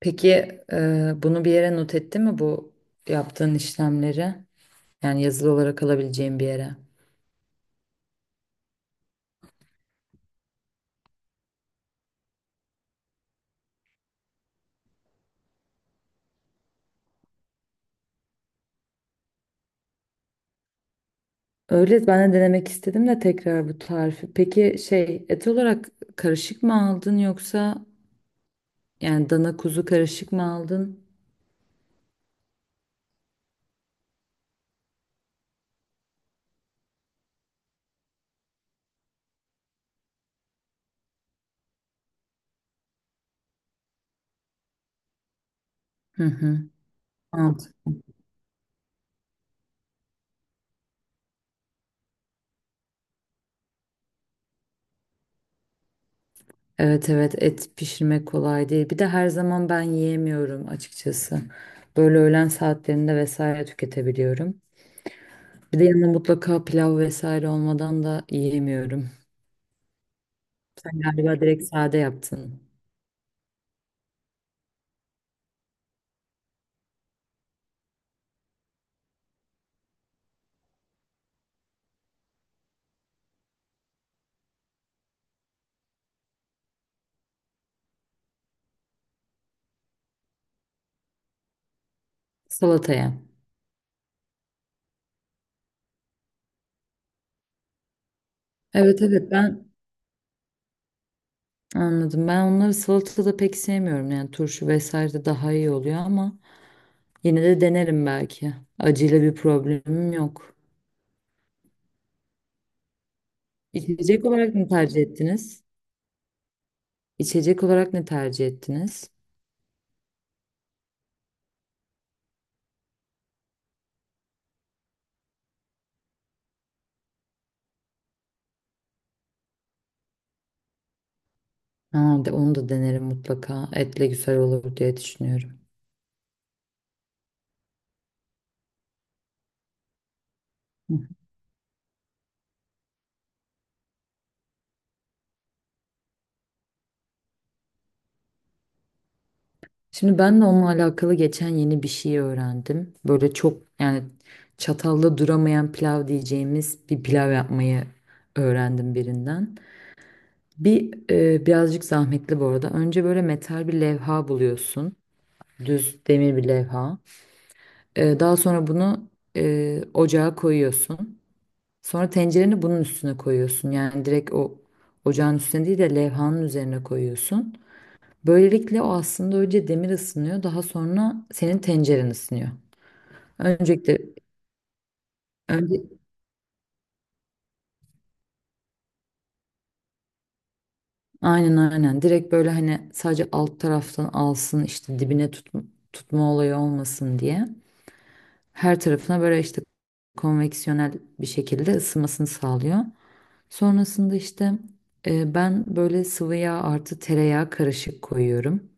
Peki, bunu bir yere not etti mi bu yaptığın işlemleri? Yani yazılı olarak alabileceğim bir yere. Öyle ben de denemek istedim de tekrar bu tarifi. Peki şey, et olarak karışık mı aldın, yoksa yani dana kuzu karışık mı aldın? Hı hı. Mantı. Evet evet, et pişirmek kolay değil. Bir de her zaman ben yiyemiyorum açıkçası. Böyle öğlen saatlerinde vesaire tüketebiliyorum. Bir de yanına mutlaka pilav vesaire olmadan da yiyemiyorum. Sen galiba direkt sade yaptın. Salataya. Evet evet, ben anladım. Ben onları salatada pek sevmiyorum. Yani turşu vesaire de daha iyi oluyor ama yine de denerim belki. Acıyla bir problemim yok. İçecek olarak ne tercih ettiniz? İçecek olarak ne tercih ettiniz? Ha, de, onu da denerim mutlaka. Etle güzel olur diye düşünüyorum. Şimdi ben de onunla alakalı geçen yeni bir şey öğrendim. Böyle çok yani çatalla duramayan pilav diyeceğimiz bir pilav yapmayı öğrendim birinden. Bir, birazcık zahmetli bu arada. Önce böyle metal bir levha buluyorsun. Düz demir bir levha. Daha sonra bunu ocağa koyuyorsun. Sonra tencereni bunun üstüne koyuyorsun. Yani direkt o ocağın üstüne değil de levhanın üzerine koyuyorsun. Böylelikle o aslında önce demir ısınıyor, daha sonra senin tenceren ısınıyor. Öncelikle önce aynen aynen, direkt böyle hani sadece alt taraftan alsın, işte dibine tut, tutma olayı olmasın diye her tarafına böyle işte konveksiyonel bir şekilde ısınmasını sağlıyor. Sonrasında işte ben böyle sıvı yağ artı tereyağı karışık koyuyorum.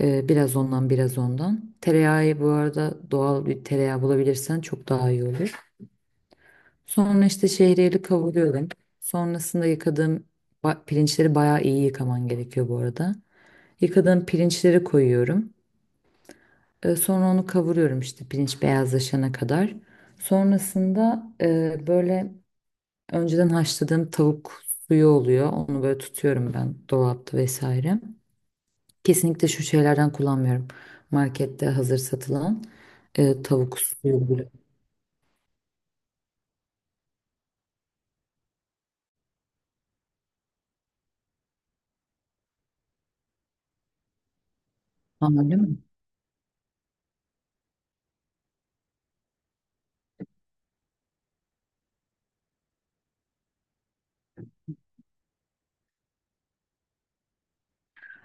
Biraz ondan biraz ondan. Tereyağı bu arada, doğal bir tereyağı bulabilirsen çok daha iyi olur. Sonra işte şehriyeli kavuruyorum. Sonrasında yıkadığım pirinçleri bayağı iyi yıkaman gerekiyor bu arada. Yıkadığım pirinçleri koyuyorum. Sonra onu kavuruyorum işte pirinç beyazlaşana kadar. Sonrasında böyle önceden haşladığım tavuk suyu oluyor. Onu böyle tutuyorum ben dolapta vesaire. Kesinlikle şu şeylerden kullanmıyorum. Markette hazır satılan tavuk suyu. Anladın mı?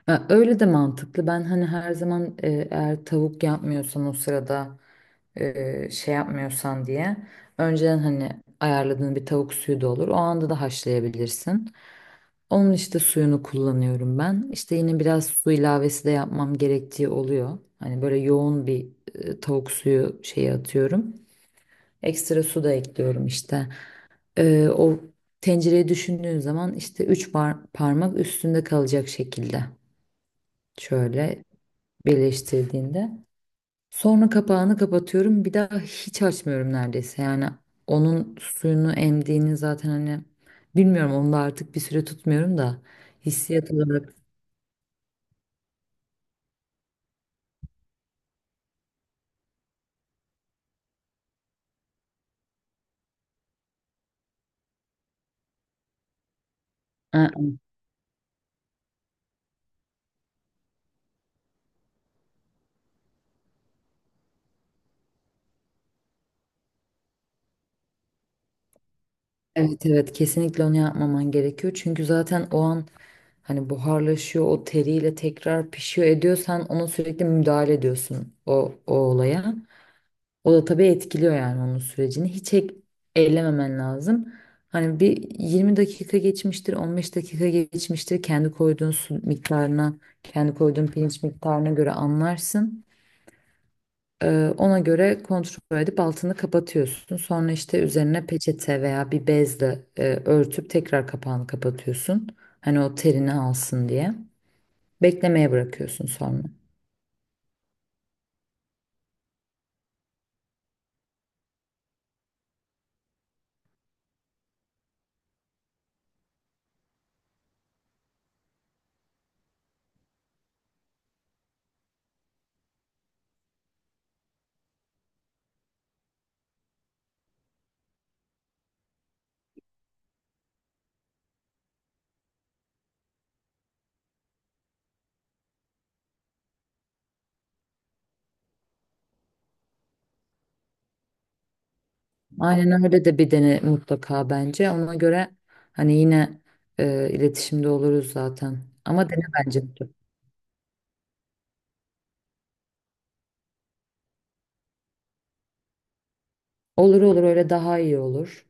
Ha, öyle de mantıklı. Ben hani her zaman, eğer tavuk yapmıyorsan o sırada, şey yapmıyorsan diye önceden hani ayarladığın bir tavuk suyu da olur. O anda da haşlayabilirsin. Onun işte suyunu kullanıyorum ben. İşte yine biraz su ilavesi de yapmam gerektiği oluyor. Hani böyle yoğun bir tavuk suyu şeyi atıyorum. Ekstra su da ekliyorum işte. O tencereye düşündüğün zaman işte 3 parmak üstünde kalacak şekilde. Şöyle birleştirdiğinde. Sonra kapağını kapatıyorum. Bir daha hiç açmıyorum neredeyse. Yani onun suyunu emdiğini zaten hani bilmiyorum, onu da artık bir süre tutmuyorum da hissiyat olarak. Aa, evet evet, kesinlikle onu yapmaman gerekiyor. Çünkü zaten o an hani buharlaşıyor, o teriyle tekrar pişiyor, ediyorsan ona sürekli müdahale ediyorsun o olaya. O da tabii etkiliyor yani onun sürecini. Hiç ellememen lazım. Hani bir 20 dakika geçmiştir, 15 dakika geçmiştir. Kendi koyduğun su miktarına, kendi koyduğun pirinç miktarına göre anlarsın. Ona göre kontrol edip altını kapatıyorsun. Sonra işte üzerine peçete veya bir bezle örtüp tekrar kapağını kapatıyorsun. Hani o terini alsın diye. Beklemeye bırakıyorsun sonra. Aynen öyle, de bir dene mutlaka bence. Ona göre hani yine iletişimde oluruz zaten. Ama dene bence. Olur olur, öyle daha iyi olur.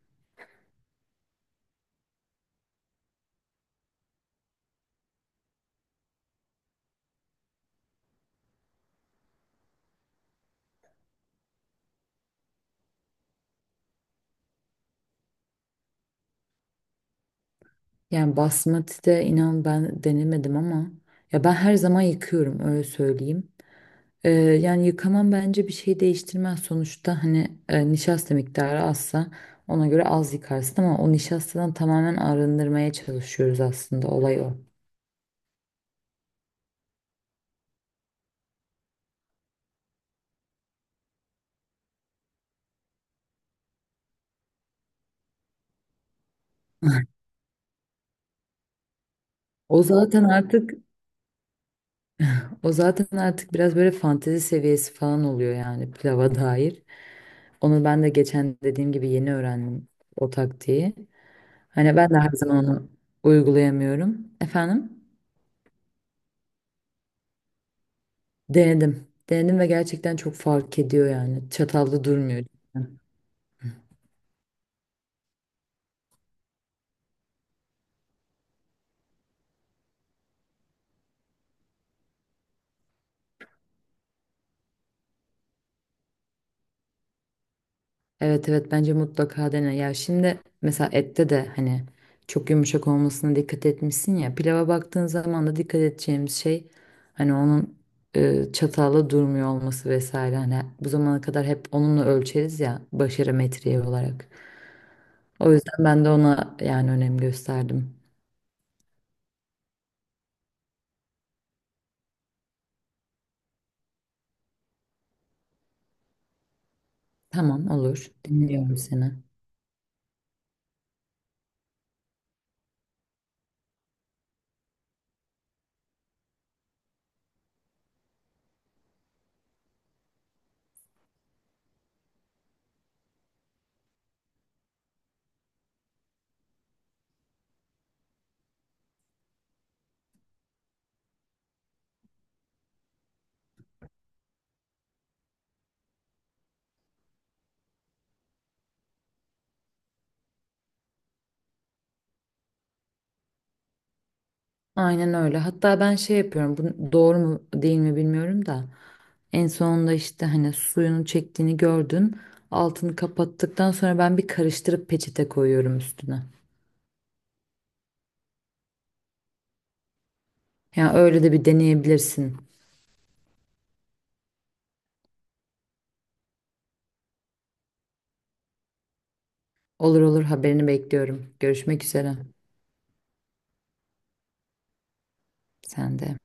Yani basmati de inan ben denemedim ama ya, ben her zaman yıkıyorum, öyle söyleyeyim. Yani yıkamam bence bir şey değiştirmez. Sonuçta hani nişasta miktarı azsa ona göre az yıkarsın ama o nişastadan tamamen arındırmaya çalışıyoruz, aslında olay o. O zaten artık O zaten artık biraz böyle fantezi seviyesi falan oluyor yani pilava dair. Onu ben de geçen dediğim gibi yeni öğrendim o taktiği. Hani ben de her zaman onu uygulayamıyorum. Efendim? Denedim. Denedim ve gerçekten çok fark ediyor yani. Çatallı durmuyor. Evet evet, bence mutlaka dene. Ya şimdi mesela ette de hani çok yumuşak olmasına dikkat etmişsin ya. Pilava baktığın zaman da dikkat edeceğimiz şey hani onun çatalla durmuyor olması vesaire. Hani bu zamana kadar hep onunla ölçeriz ya, başarı metriği olarak. O yüzden ben de ona yani önem gösterdim. Tamam, olur. Dinliyorum seni. Aynen öyle. Hatta ben şey yapıyorum. Bu doğru mu değil mi bilmiyorum da. En sonunda işte hani suyunu çektiğini gördün. Altını kapattıktan sonra ben bir karıştırıp peçete koyuyorum üstüne. Yani öyle de bir deneyebilirsin. Olur olur, haberini bekliyorum. Görüşmek üzere. Sen de.